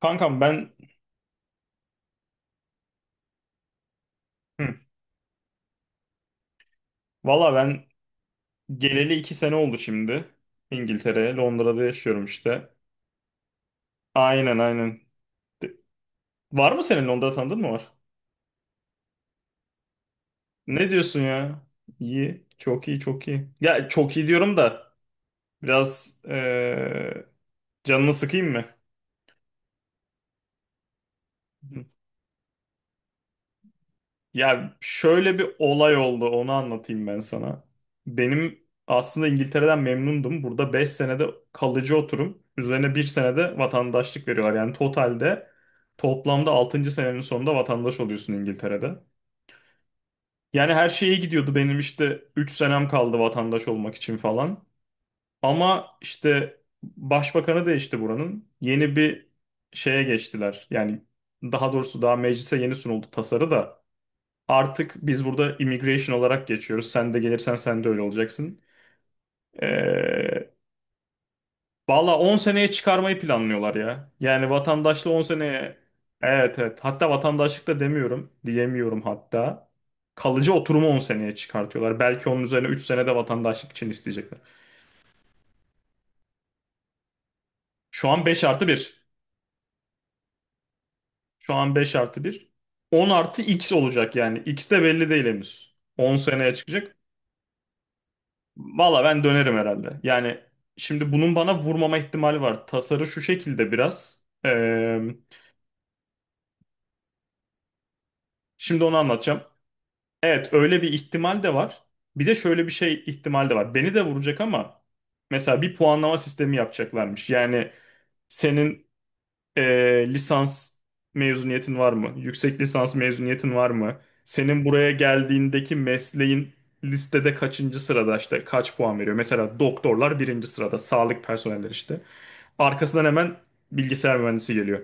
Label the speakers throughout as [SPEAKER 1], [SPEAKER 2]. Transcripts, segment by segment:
[SPEAKER 1] Kankam ben hı, valla ben geleli 2 sene oldu şimdi. İngiltere, Londra'da yaşıyorum işte. Aynen aynen. De- Var mı senin Londra tanıdığın mı var? Ne diyorsun ya? İyi, çok iyi, çok iyi. Ya çok iyi diyorum da biraz canını sıkayım mı? Ya şöyle bir olay oldu, onu anlatayım ben sana. Benim aslında İngiltere'den memnundum. Burada 5 senede kalıcı oturum. Üzerine bir senede vatandaşlık veriyorlar. Yani totalde, toplamda altıncı senenin sonunda vatandaş oluyorsun İngiltere'de. Yani her şey iyi gidiyordu. Benim işte 3 senem kaldı vatandaş olmak için falan. Ama işte başbakanı değişti buranın. Yeni bir şeye geçtiler. Yani daha doğrusu daha meclise yeni sunuldu tasarı da. Artık biz burada immigration olarak geçiyoruz. Sen de gelirsen sen de öyle olacaksın. Ee, valla 10 seneye çıkarmayı planlıyorlar ya. Yani vatandaşlığı 10 seneye... Evet evet. Hatta vatandaşlık da demiyorum. Diyemiyorum hatta. Kalıcı oturumu 10 seneye çıkartıyorlar. Belki onun üzerine 3 sene de vatandaşlık için isteyecekler. Şu an 5 artı 1. Şu an 5 artı 1. 10 artı X olacak yani. X de belli değil henüz. 10 seneye çıkacak. Valla ben dönerim herhalde. Yani şimdi bunun bana vurmama ihtimali var. Tasarı şu şekilde biraz. Şimdi onu anlatacağım. Evet, öyle bir ihtimal de var. Bir de şöyle bir şey ihtimal de var. Beni de vuracak ama mesela bir puanlama sistemi yapacaklarmış. Yani senin lisans mezuniyetin var mı? Yüksek lisans mezuniyetin var mı? Senin buraya geldiğindeki mesleğin listede kaçıncı sırada, işte kaç puan veriyor? Mesela doktorlar birinci sırada, sağlık personelleri işte. Arkasından hemen bilgisayar mühendisi geliyor.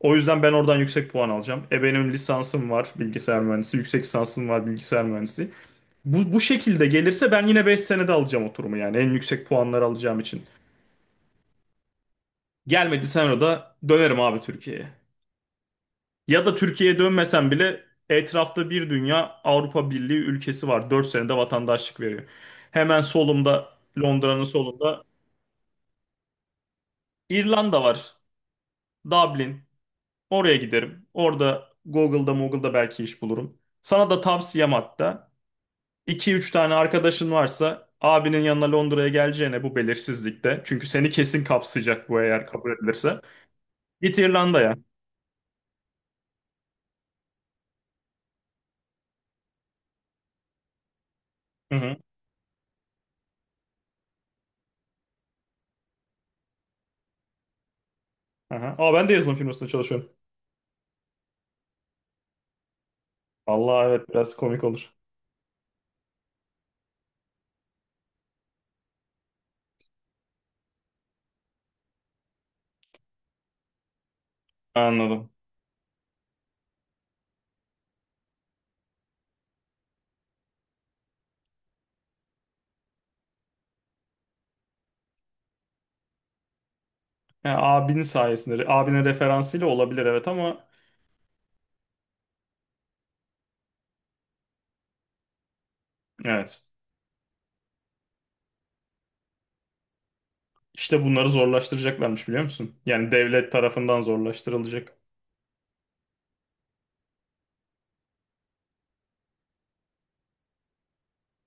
[SPEAKER 1] O yüzden ben oradan yüksek puan alacağım. E benim lisansım var bilgisayar mühendisi, yüksek lisansım var bilgisayar mühendisi. Bu şekilde gelirse ben yine 5 senede alacağım oturumu, yani en yüksek puanları alacağım için. Gelmedi Senro'da dönerim abi Türkiye'ye. Ya da Türkiye'ye dönmesem bile etrafta bir dünya Avrupa Birliği ülkesi var. 4 senede vatandaşlık veriyor. Hemen solumda, Londra'nın solunda İrlanda var. Dublin. Oraya giderim. Orada Google'da belki iş bulurum. Sana da tavsiyem, hatta iki üç tane arkadaşın varsa abinin yanına Londra'ya geleceğine bu belirsizlikte. Çünkü seni kesin kapsayacak bu, eğer kabul edilirse. Git İrlanda'ya. Hı hı. Aha. Aa, ben de yazılım firmasında çalışıyorum. Allah, evet biraz komik olur. Anladım. Yani abinin sayesinde, abine referansıyla olabilir, evet ama evet. İşte bunları zorlaştıracaklarmış, biliyor musun? Yani devlet tarafından zorlaştırılacak.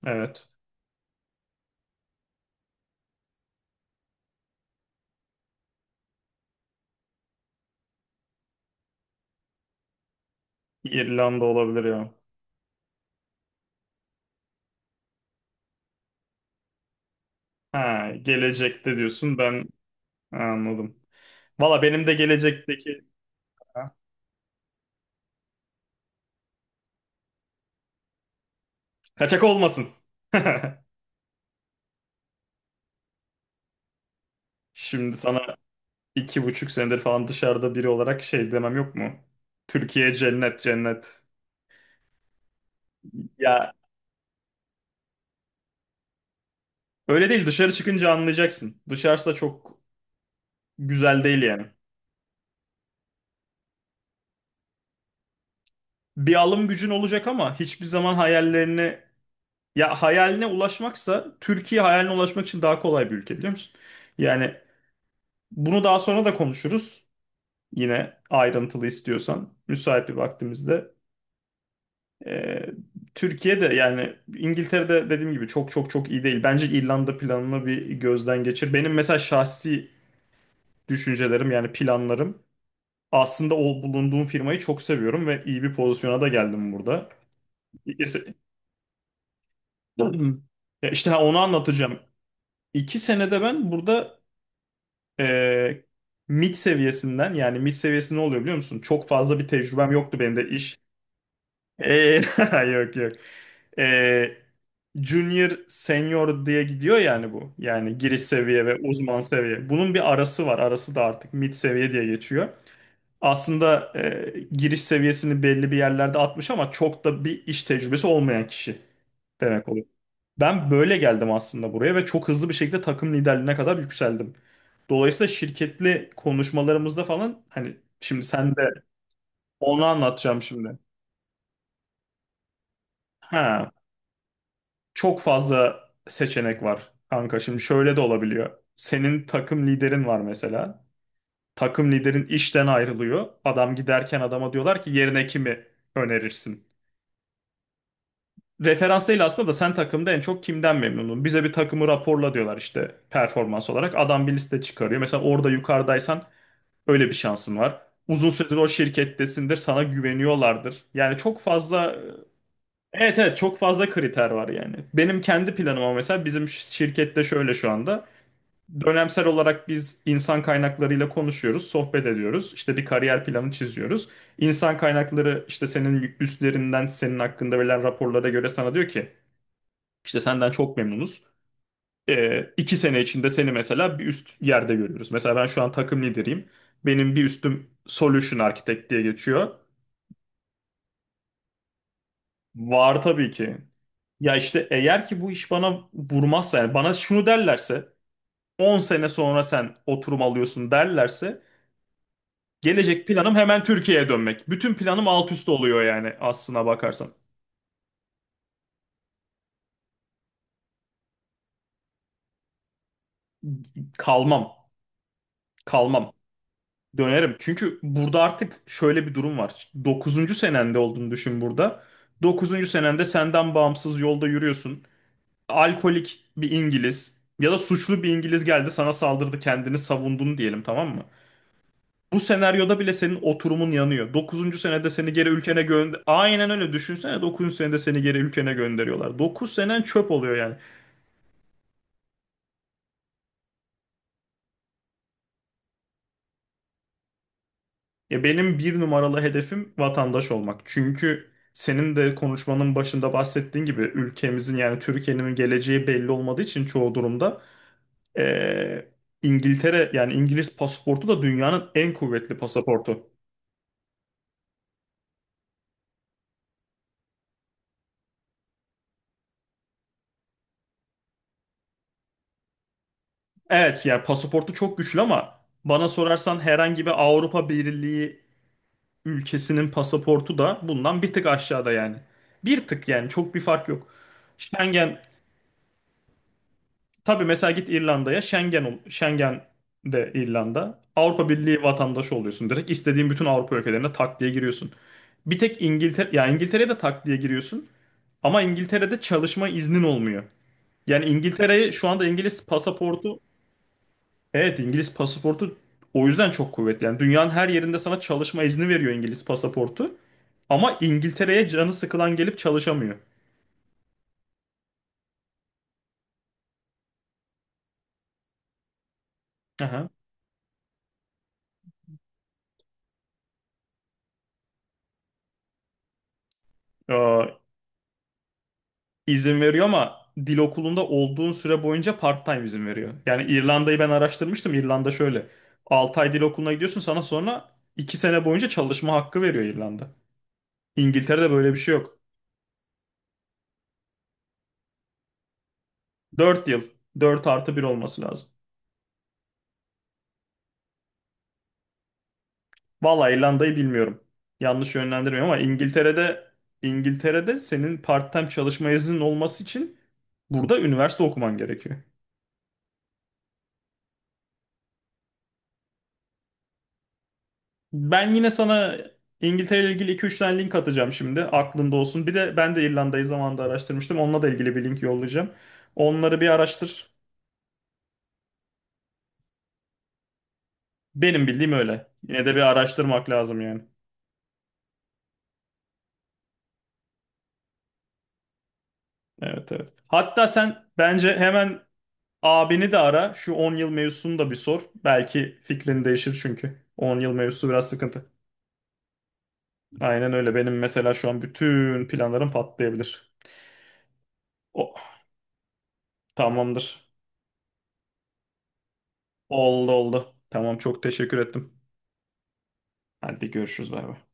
[SPEAKER 1] Evet. İrlanda olabilir ya. Ha, gelecekte diyorsun, ben anladım. Valla benim de gelecekteki... Ha, kaçak olmasın. Şimdi sana 2,5 senedir falan dışarıda biri olarak şey demem yok mu? Türkiye cennet cennet. Ya öyle değil, dışarı çıkınca anlayacaksın. Dışarısı da çok güzel değil yani. Bir alım gücün olacak ama hiçbir zaman hayallerini, ya hayaline ulaşmaksa Türkiye hayaline ulaşmak için daha kolay bir ülke, biliyor musun? Yani bunu daha sonra da konuşuruz, yine ayrıntılı istiyorsan müsait bir vaktimizde. Ee, Türkiye'de, yani İngiltere'de dediğim gibi çok çok çok iyi değil. Bence İrlanda planını bir gözden geçir. Benim mesela şahsi düşüncelerim, yani planlarım, aslında o bulunduğum firmayı çok seviyorum ve iyi bir pozisyona da geldim burada. İki se- Ya işte, ha, onu anlatacağım. 2 senede ben burada e, mid seviyesinden, yani mid seviyesi ne oluyor biliyor musun? Çok fazla bir tecrübem yoktu benim de iş. Ee, yok yok. e, junior senior diye gidiyor yani bu. Yani giriş seviye ve uzman seviye. Bunun bir arası var. Arası da artık mid seviye diye geçiyor. Aslında giriş seviyesini belli bir yerlerde atmış ama çok da bir iş tecrübesi olmayan kişi demek oluyor. Ben böyle geldim aslında buraya ve çok hızlı bir şekilde takım liderliğine kadar yükseldim. Dolayısıyla şirketli konuşmalarımızda falan, hani şimdi sen de, onu anlatacağım şimdi. Ha, çok fazla seçenek var kanka. Şimdi şöyle de olabiliyor. Senin takım liderin var mesela. Takım liderin işten ayrılıyor. Adam giderken adama diyorlar ki, yerine kimi önerirsin? Referans değil aslında da, sen takımda en çok kimden memnunun? Bize bir takımı raporla diyorlar işte, performans olarak. Adam bir liste çıkarıyor. Mesela orada yukarıdaysan öyle bir şansın var. Uzun süredir o şirkettesindir, sana güveniyorlardır. Yani çok fazla. Evet evet, çok fazla kriter var yani. Benim kendi planım ama mesela bizim şirkette şöyle şu anda. Dönemsel olarak biz insan kaynaklarıyla konuşuyoruz, sohbet ediyoruz. İşte bir kariyer planı çiziyoruz. İnsan kaynakları işte senin üstlerinden senin hakkında verilen raporlara göre sana diyor ki işte senden çok memnunuz. İki sene içinde seni mesela bir üst yerde görüyoruz. Mesela ben şu an takım lideriyim. Benim bir üstüm Solution Architect diye geçiyor. Var tabii ki. Ya işte eğer ki bu iş bana vurmazsa, yani bana şunu derlerse, 10 sene sonra sen oturum alıyorsun derlerse, gelecek planım hemen Türkiye'ye dönmek. Bütün planım alt üst oluyor yani, aslına bakarsan. Kalmam, kalmam. Dönerim. Çünkü burada artık şöyle bir durum var. 9. senende olduğunu düşün burada. 9. senende senden bağımsız yolda yürüyorsun. Alkolik bir İngiliz ya da suçlu bir İngiliz geldi, sana saldırdı, kendini savundun diyelim, tamam mı? Bu senaryoda bile senin oturumun yanıyor. Dokuzuncu senede seni geri ülkene gönder... Aynen öyle düşünsene, dokuzuncu senede seni geri ülkene gönderiyorlar. 9 senen çöp oluyor yani. Ya benim bir numaralı hedefim vatandaş olmak. Çünkü senin de konuşmanın başında bahsettiğin gibi ülkemizin, yani Türkiye'nin geleceği belli olmadığı için çoğu durumda eee, İngiltere, yani İngiliz pasaportu da dünyanın en kuvvetli pasaportu. Evet, yani pasaportu çok güçlü ama bana sorarsan herhangi bir Avrupa Birliği ülkesinin pasaportu da bundan bir tık aşağıda yani. Bir tık yani, çok bir fark yok. Schengen, tabii mesela git İrlanda'ya, Schengen ol, Schengen de İrlanda. Avrupa Birliği vatandaşı oluyorsun direkt. İstediğin bütün Avrupa ülkelerine tak diye giriyorsun. Bir tek İngiltere, ya İngiltere'ye de tak diye giriyorsun ama İngiltere'de çalışma iznin olmuyor. Yani İngiltere'ye şu anda İngiliz pasaportu, evet İngiliz pasaportu o yüzden çok kuvvetli. Yani dünyanın her yerinde sana çalışma izni veriyor İngiliz pasaportu. Ama İngiltere'ye canı sıkılan gelip çalışamıyor. Aha. Ee, izin veriyor ama dil okulunda olduğun süre boyunca part-time izin veriyor. Yani İrlanda'yı ben araştırmıştım. İrlanda şöyle. 6 ay dil okuluna gidiyorsun, sana sonra 2 sene boyunca çalışma hakkı veriyor İrlanda. İngiltere'de böyle bir şey yok. 4 yıl. Dört artı bir olması lazım. Vallahi İrlanda'yı bilmiyorum. Yanlış yönlendirmiyorum ama İngiltere'de senin part-time çalışma iznin olması için burada üniversite okuman gerekiyor. Ben yine sana İngiltere ile ilgili iki üç tane link atacağım şimdi. Aklında olsun. Bir de ben de İrlanda'yı zamanında araştırmıştım. Onunla da ilgili bir link yollayacağım. Onları bir araştır. Benim bildiğim öyle. Yine de bir araştırmak lazım yani. Evet evet. Hatta sen bence hemen abini de ara. Şu 10 yıl mevzusunu da bir sor. Belki fikrin değişir çünkü. 10 yıl mevzusu biraz sıkıntı. Aynen öyle. Benim mesela şu an bütün planlarım patlayabilir. O, tamamdır. Oldu oldu. Tamam, çok teşekkür ettim. Hadi görüşürüz, bay bay.